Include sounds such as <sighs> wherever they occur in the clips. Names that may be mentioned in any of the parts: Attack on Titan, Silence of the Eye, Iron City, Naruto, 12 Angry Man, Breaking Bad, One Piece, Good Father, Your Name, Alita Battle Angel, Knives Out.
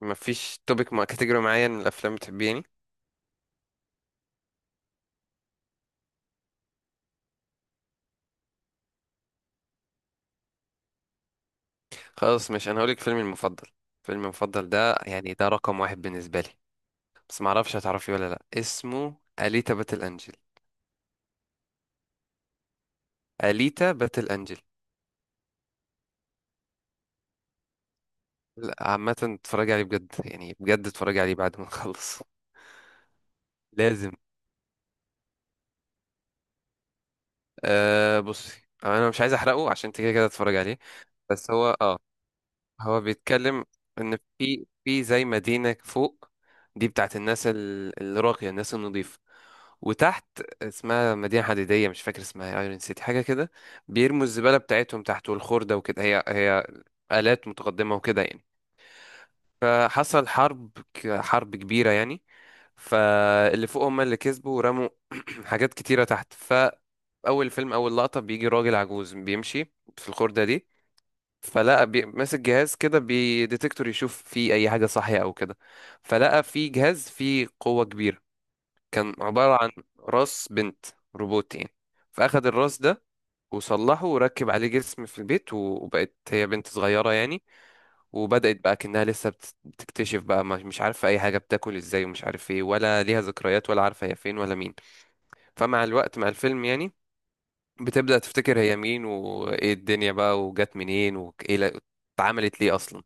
ما فيش توبيك مع كاتيجوري معين من الافلام بتحبيه يعني؟ خلاص، مش انا هقولك فيلمي المفضل. فيلمي المفضل ده يعني ده رقم واحد بالنسبه لي. بس ما اعرفش هتعرفي ولا لا، اسمه اليتا باتل انجل. اليتا باتل انجل. لا عامه اتفرجي عليه بجد، يعني بجد اتفرجي عليه بعد ما نخلص. لازم. بصي انا مش عايز احرقه عشان انت كده كده تتفرج عليه. بس هو هو بيتكلم ان في زي مدينة فوق. دي بتاعت الناس الراقية، الناس النظيفة. وتحت اسمها مدينة حديدية، مش فاكر اسمها، ايرون سيتي حاجة كده. بيرموا الزبالة بتاعتهم تحت، والخردة وكده. هي هي آلات متقدمة وكده يعني. فحصل حرب كبيرة يعني. فاللي فوق هم اللي كسبوا ورموا <clears throat> حاجات كتيرة تحت. فأول فيلم، أول لقطة، بيجي راجل عجوز بيمشي في الخردة دي. ماسك جهاز كده بديتكتور يشوف فيه أي حاجة صحية أو كده. فلقى فيه جهاز فيه قوة كبيرة. كان عبارة عن راس بنت روبوت يعني. فأخد الراس ده وصلحه وركب عليه جسم في البيت، وبقت هي بنت صغيرة يعني. وبدأت بقى كأنها لسه بتكتشف بقى، مش عارفة أي حاجة، بتاكل إزاي ومش عارف إيه، ولا ليها ذكريات، ولا عارفة هي فين ولا مين. فمع الوقت، مع الفيلم يعني، بتبدأ تفتكر هي مين، وإيه الدنيا بقى، وجت منين، وإيه لا- اتعملت ليه أصلا.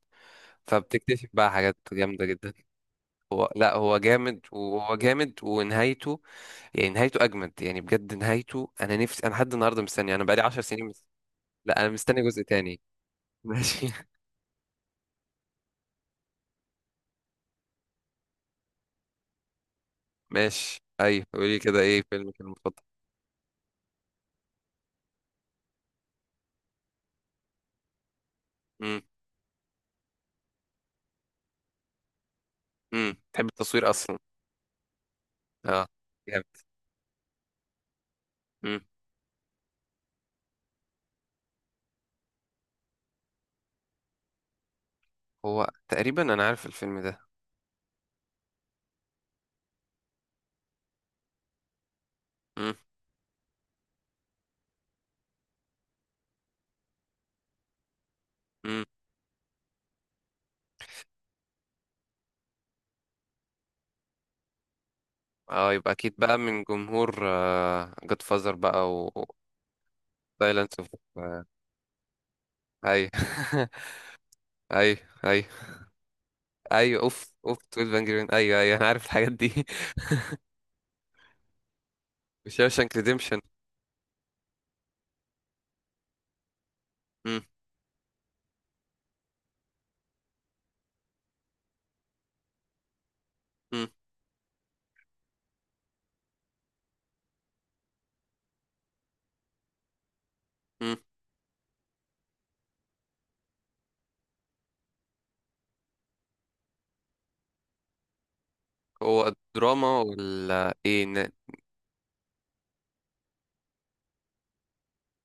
فبتكتشف بقى حاجات جامدة جدا. هو لا، هو جامد، وهو جامد، ونهايته، يعني نهايته أجمد، يعني بجد نهايته، أنا نفسي، لحد النهاردة مستني، أنا بقالي 10 سنين مست... لا أنا مستني جزء تاني. <laughs> ماشي. ماشي، أيوه قولي كده، إيه فيلمك المفضل؟ تحب التصوير اصلا؟ اه جامد. امم هو تقريبا انا عارف الفيلم ده. امم امم. اه يبقى اكيد بقى من جمهور جود فازر بقى و سايلنس اوف اي. <laughs> اي اي اي. <laughs> اوف اوف، 12 انجري مان، ايوه ايوه انا عارف الحاجات دي. <laughs> وشاوشانك ريديمشن. امم. امم. امم. هو الدراما ولا ايه؟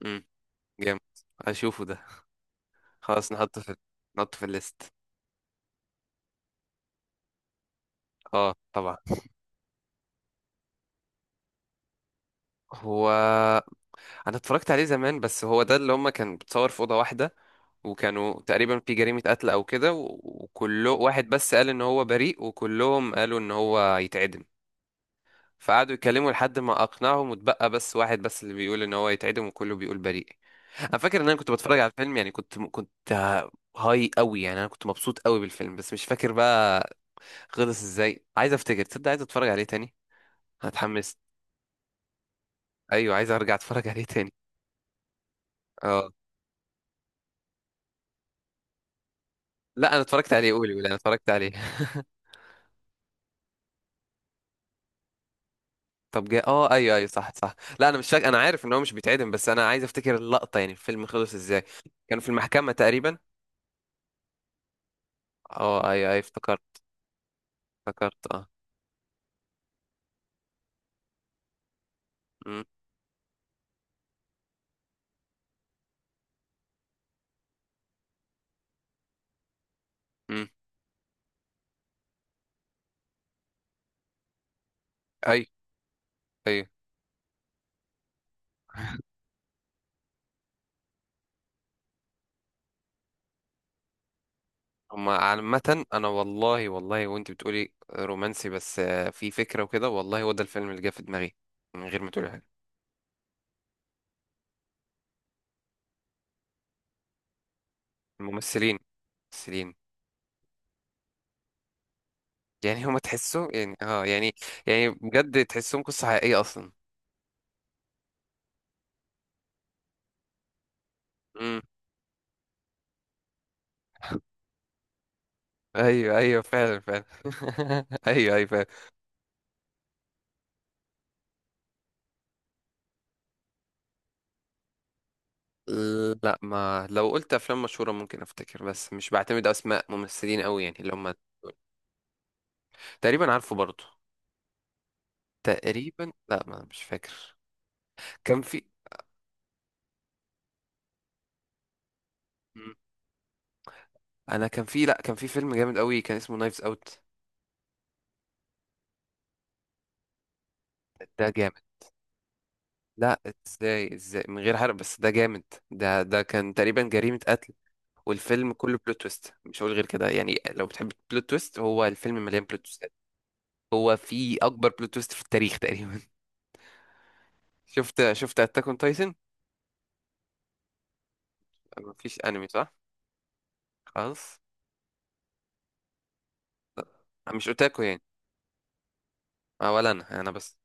مم. جامد. هشوفه ده. خلاص، نحطه نحطه في الليست. اه طبعا. هو انا اتفرجت عليه زمان، بس هو ده اللي هما كان بتصور في اوضه واحده. وكانوا تقريبا في جريمه قتل او كده، وكله واحد بس قال ان هو بريء، وكلهم قالوا ان هو يتعدم. فقعدوا يتكلموا لحد ما اقنعهم، واتبقى بس واحد بس اللي بيقول ان هو يتعدم، وكله بيقول بريء. انا فاكر ان انا كنت بتفرج على الفيلم، يعني كنت هاي قوي، يعني انا كنت مبسوط قوي بالفيلم، بس مش فاكر بقى خلص ازاي. عايز افتكر، تصدق عايز اتفرج عليه تاني. أنا اتحمست. ايوه عايز ارجع اتفرج عليه تاني. اه. لا انا اتفرجت عليه، قولي قولي انا اتفرجت عليه. <laughs> طب جاء، ايوه ايوه، صح صح. لا انا مش فاكر، انا عارف ان هو مش بيتعدم، بس انا عايز افتكر اللقطه، يعني الفيلم خلص ازاي. كانوا في المحكمه تقريبا. اه ايوه ايوه افتكرت. افتكرت امم. امم. ايوه ايوه. هما عامة، أنا والله والله، وأنت بتقولي رومانسي بس في فكرة وكده، والله هو ده الفيلم اللي جه في دماغي من غير ما تقولي حاجة. الممثلين. الممثلين. يعني هما تحسوا يعني يعني، يعني بجد تحسهم قصة حقيقية أصلا. امم. أيوه أيوه فعلا فعلا. <laughs> أيوه أيوه. لا، ما لو قلت افلام مشهوره ممكن افتكر، بس مش بعتمد اسماء ممثلين قوي يعني اللي هم. تقريبا عارفه برضه. تقريبا لا، ما مش فاكر. كان في مم. انا كان في لا كان في فيلم جامد قوي كان اسمه نايفز اوت. ده جامد. لا، ازاي ازاي من غير حرق بس ده جامد. ده كان تقريبا جريمه قتل، والفيلم كله بلوت تويست. مش هقول غير كده، يعني لو بتحب بلوت تويست هو الفيلم مليان بلوت تويستات. هو في اكبر بلوت تويست في التاريخ تقريبا. <laughs> شفت اتاك اون تايتن؟ مفيش انمي صح؟ خلاص. مش اوتاكو يعني. ولا انا بس.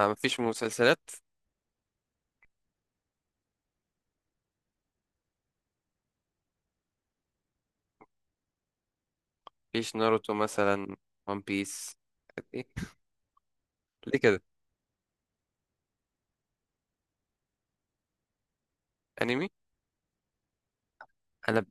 مفيش مسلسلات. مفيش ناروتو مثلا؟ ون بيس؟ إيه؟ ليه كده؟ انمي. انا،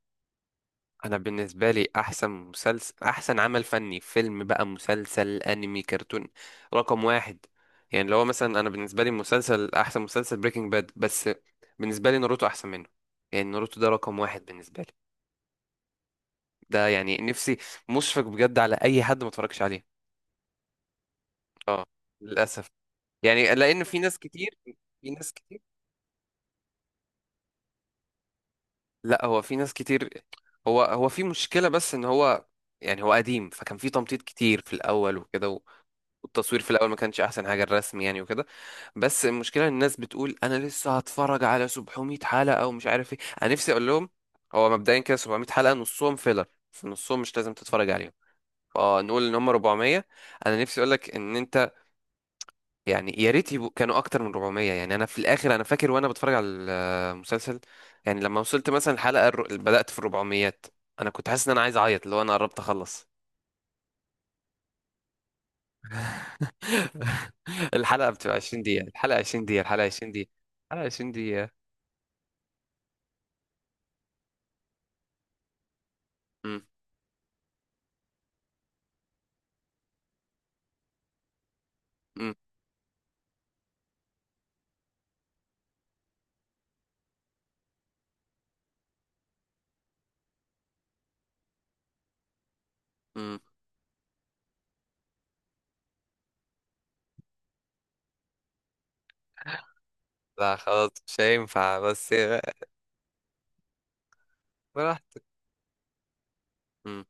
انا بالنسبه لي احسن مسلسل، احسن عمل فني، فيلم بقى، مسلسل، انمي، كرتون، رقم واحد. يعني اللي هو مثلا، انا بالنسبه لي مسلسل، احسن مسلسل بريكنج باد، بس بالنسبه لي ناروتو احسن منه. يعني ناروتو ده رقم واحد بالنسبه لي. ده يعني نفسي، مشفق بجد على اي حد ما اتفرجش عليه. اه للاسف. يعني لان في ناس كتير، في ناس كتير لا هو في ناس كتير. هو في مشكلة بس ان هو، يعني هو قديم، فكان في تمطيط كتير في الاول وكده والتصوير في الاول ما كانش احسن حاجة، الرسم يعني وكده. بس المشكلة إن الناس بتقول انا لسه هتفرج على 700 حلقة ومش عارف ايه. انا نفسي اقول لهم هو مبدئيا كده 700 حلقة نصهم فيلر، في نصهم مش لازم تتفرج عليهم، فنقول ان هم 400. انا نفسي اقول لك ان انت، يعني يا ريت يبقوا كانوا اكتر من 400. يعني انا في الاخر انا فاكر وانا بتفرج على المسلسل، يعني لما وصلت مثلا الحلقه بدات في 400، انا كنت حاسس ان انا عايز اعيط، اللي هو انا قربت اخلص. <laughs> الحلقه بتبقى 20 دقيقه، الحلقه 20 دقيقه، الحلقه 20 دقيقه، الحلقه 20 دقيقه. امم. امم. امم. لا خلاص مش هينفع بس. براحتك. امم.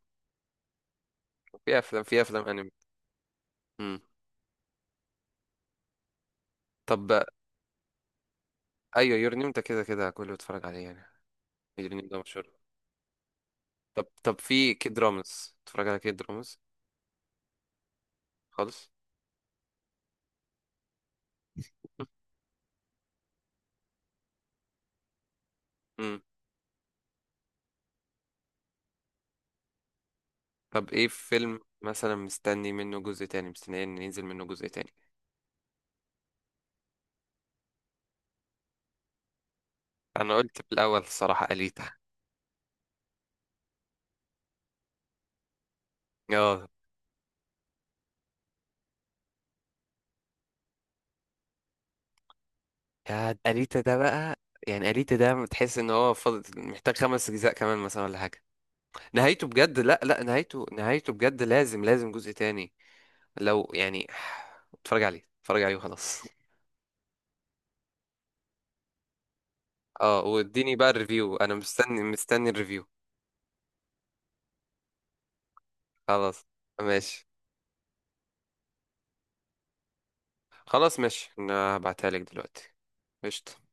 في افلام انمي. امم. طب ايوه، يور نيم ده كده كده كله بيتفرج عليه يعني. يور نيم ده مشهور. طب في كيد رامز؟ بتتفرج على كيد رامز؟ خالص. مم. طب ايه فيلم مثلا مستني منه جزء تاني، مستني ان ينزل منه جزء تاني؟ انا قلت في الاول الصراحة أليتا. اه يا أليتا ده بقى، يعني أليتا ده تحس ان هو فاضل محتاج 5 اجزاء كمان مثلا ولا حاجة. نهايته بجد، لا لا، نهايته، بجد لازم لازم جزء تاني. لو يعني، <sighs> اتفرج عليه اتفرج عليه وخلاص. اه واديني بقى الريفيو، انا مستني مستني الريفيو. خلاص ماشي. خلاص ماشي انا هبعتها لك دلوقتي. قشطة.